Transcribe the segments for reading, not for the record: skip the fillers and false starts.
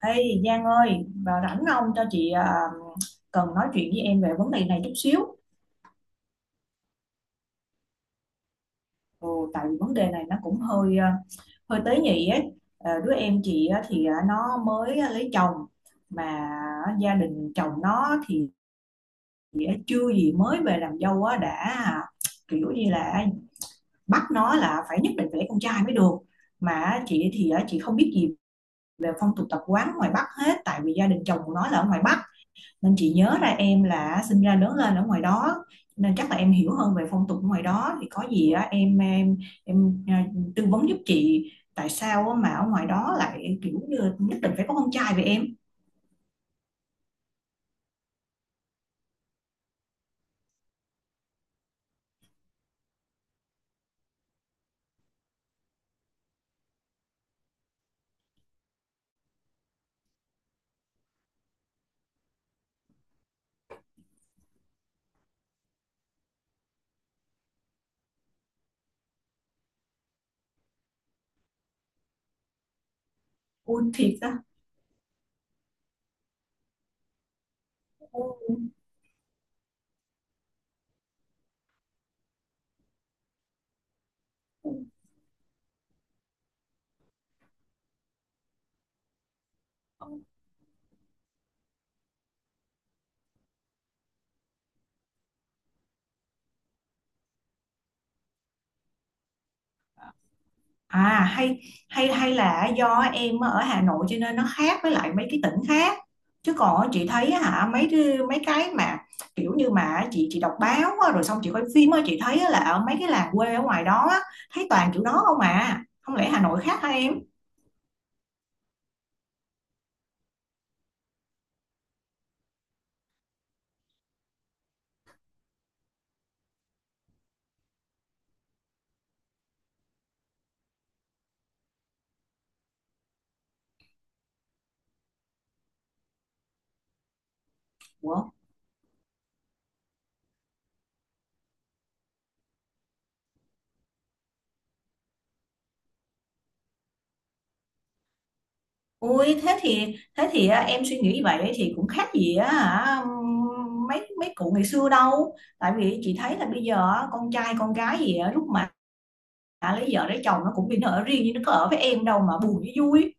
Ê Giang ơi, vào rảnh không cho chị cần nói chuyện với em về vấn đề này chút xíu. Ừ, tại vì vấn đề này nó cũng hơi hơi tế nhị ấy. Ờ, đứa em chị á thì nó mới lấy chồng mà gia đình chồng nó thì chưa gì mới về làm dâu á đã à, kiểu như là bắt nó là phải nhất định phải lấy con trai mới được. Mà chị thì chị không biết gì về phong tục tập quán ngoài Bắc hết, tại vì gia đình chồng của nó là ở ngoài Bắc, nên chị nhớ ra em là sinh ra lớn lên ở ngoài đó nên chắc là em hiểu hơn về phong tục ở ngoài đó, thì có gì á em tư vấn giúp chị tại sao á mà ở ngoài đó lại kiểu như nhất định phải có con trai vậy em. Ui thiệt á. Ừ. À hay hay hay là do em ở Hà Nội cho nên nó khác với lại mấy cái tỉnh khác. Chứ còn á, chị thấy á hả mấy cái mà kiểu như mà chị đọc báo á, rồi xong chị coi phim á, chị thấy á là ở mấy cái làng quê ở ngoài đó á, thấy toàn kiểu đó không à. Không lẽ Hà Nội khác hả em? Ủa? Ui thế thì em suy nghĩ vậy thì cũng khác gì á hả mấy mấy cụ ngày xưa đâu. Tại vì chị thấy là bây giờ á, con trai con gái gì á, lúc mà đã lấy vợ lấy chồng nó cũng bị ở riêng, nhưng nó có ở với em đâu mà buồn với vui.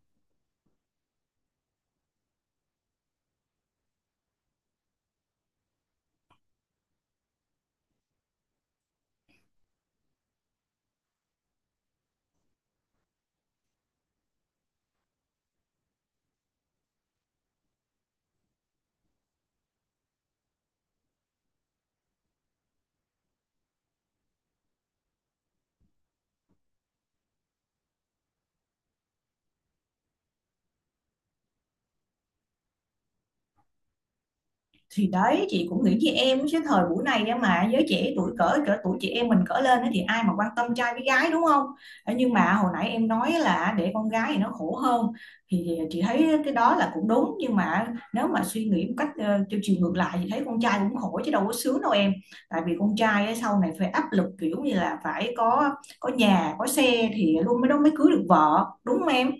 Thì đấy, chị cũng nghĩ với em cái thời buổi này á, mà giới trẻ tuổi cỡ cỡ tuổi chị em mình cỡ lên thì ai mà quan tâm trai với gái, đúng không. Ờ, nhưng mà hồi nãy em nói là để con gái thì nó khổ hơn, thì chị thấy cái đó là cũng đúng, nhưng mà nếu mà suy nghĩ một cách theo chiều ngược lại thì thấy con trai cũng khổ chứ đâu có sướng đâu em. Tại vì con trai á, sau này phải áp lực kiểu như là phải có nhà có xe thì luôn mới đó mới cưới được vợ, đúng không em.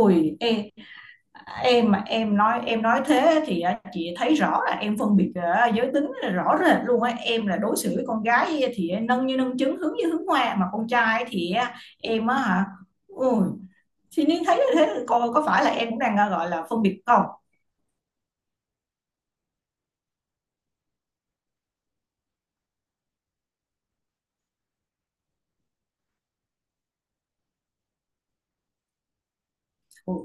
Ôi ê, em mà em nói thế thì á, chị thấy rõ là em phân biệt giới tính là rõ rệt luôn á, em là đối xử với con gái thì nâng như nâng trứng hướng như hướng hoa, mà con trai thì á, em á hả. Ui, thì nên thấy như thế coi có phải là em cũng đang gọi là phân biệt không. Ủa,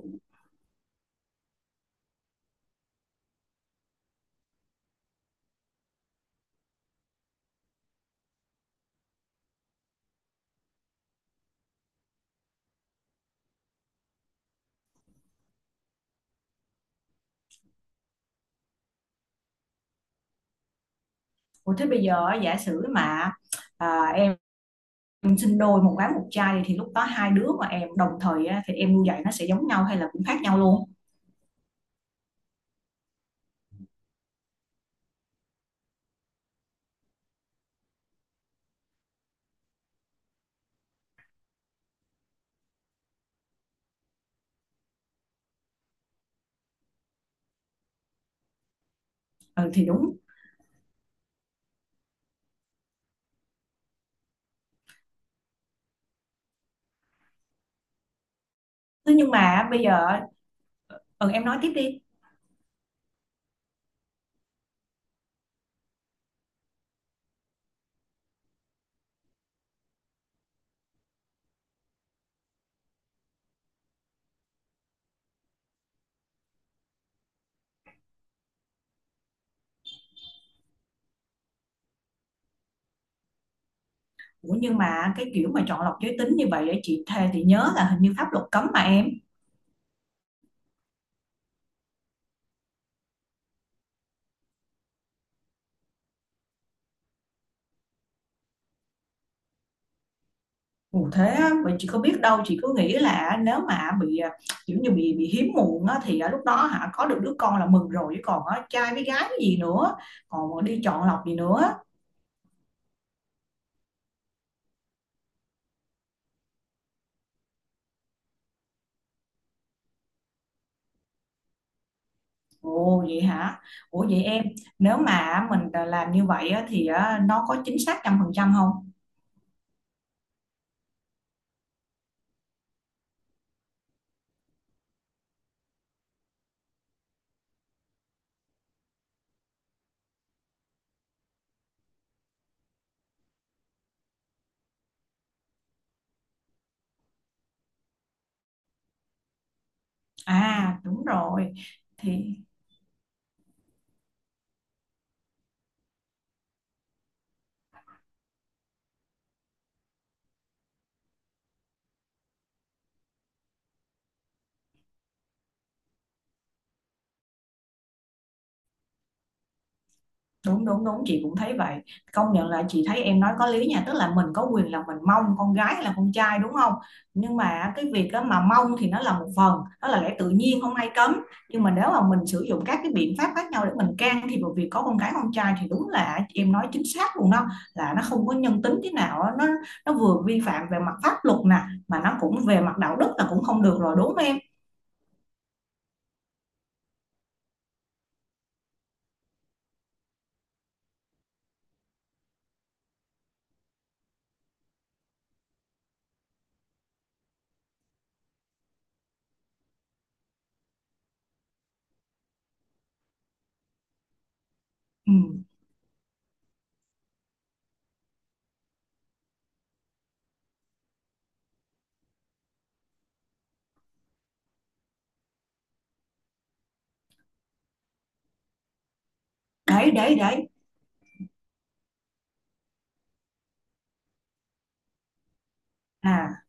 ủa thế bây giờ á, giả sử mà em sinh đôi một gái một trai thì lúc đó hai đứa mà em đồng thời á, thì em nuôi dạy nó sẽ giống nhau hay là cũng khác nhau luôn. Ừ, thì đúng. Thế nhưng mà bây giờ ừ, em nói tiếp đi. Ủa nhưng mà cái kiểu mà chọn lọc giới tính như vậy, để chị thề thì nhớ là hình như pháp luật cấm mà em. Ủa thế á, vậy chị có biết đâu, chị cứ nghĩ là nếu mà bị kiểu như bị hiếm muộn á, thì à, lúc đó hả có được đứa con là mừng rồi, chứ còn á, trai với gái cái gì nữa, còn đi chọn lọc gì nữa. Ồ vậy hả. Ủa vậy em nếu mà mình làm như vậy á, thì à, nó có chính xác trăm phần trăm không. À đúng rồi. Thì đúng đúng đúng, chị cũng thấy vậy. Công nhận là chị thấy em nói có lý nha, tức là mình có quyền là mình mong con gái hay là con trai, đúng không. Nhưng mà cái việc đó mà mong thì nó là một phần, đó là lẽ tự nhiên, không ai cấm. Nhưng mà nếu mà mình sử dụng các cái biện pháp khác nhau để mình can thiệp vào việc có con gái con trai thì đúng là em nói chính xác luôn đó, là nó không có nhân tính thế nào á. Nó vừa vi phạm về mặt pháp luật nè, mà nó cũng về mặt đạo đức là cũng không được rồi, đúng không em. Ừ. Đấy đấy đấy. À,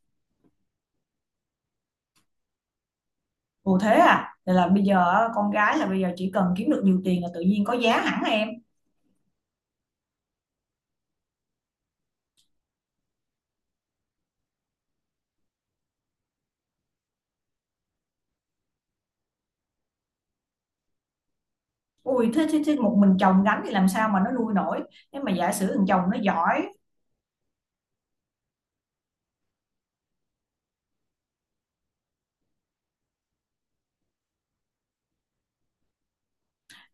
ồ thế à? Vậy là bây giờ á, con gái là bây giờ chỉ cần kiếm được nhiều tiền là tự nhiên có giá hẳn em. Ui thế một mình chồng gánh thì làm sao mà nó nuôi nổi? Nếu mà giả sử thằng chồng nó giỏi.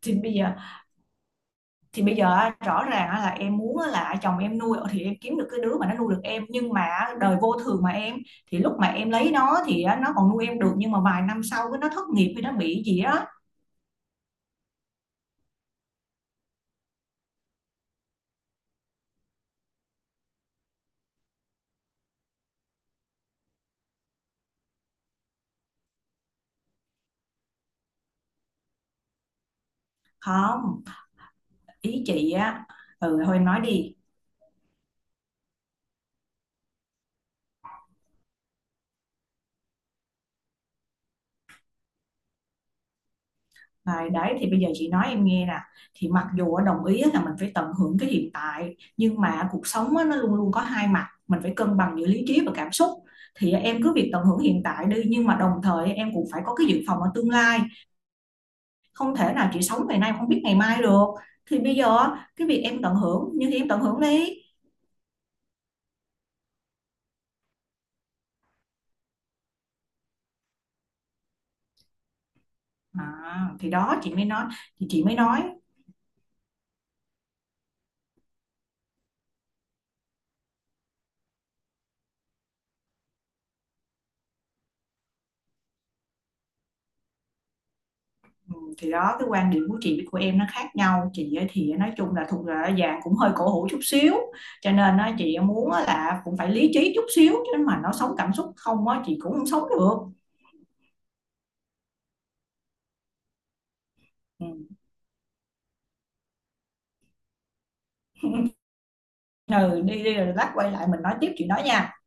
thì bây giờ thì bây giờ á, rõ ràng á là em muốn á là chồng em nuôi thì em kiếm được cái đứa mà nó nuôi được em, nhưng mà á, đời vô thường mà em, thì lúc mà em lấy nó thì á, nó còn nuôi em được, nhưng mà vài năm sau cái nó thất nghiệp hay nó bị gì á. Không, ý chị á. Ừ thôi em nói đi. Đấy, đấy thì bây giờ chị nói em nghe nè, thì mặc dù á, đồng ý á là mình phải tận hưởng cái hiện tại, nhưng mà cuộc sống á, nó luôn luôn có hai mặt, mình phải cân bằng giữa lý trí và cảm xúc. Thì em cứ việc tận hưởng hiện tại đi, nhưng mà đồng thời em cũng phải có cái dự phòng ở tương lai, không thể nào chị sống ngày nay không biết ngày mai được. Thì bây giờ á, cái việc em tận hưởng nhưng thì em tận hưởng đi à, thì đó chị mới nói thì đó cái quan điểm của chị với của em nó khác nhau, chị ấy thì nói chung là thuộc là dạng cũng hơi cổ hủ chút xíu, cho nên á, chị muốn á là cũng phải lý trí chút xíu, chứ mà nó sống cảm xúc không á chị cũng không sống được. Ừ. Ừ đi đi, rồi lát quay lại mình nói tiếp chị nói nha.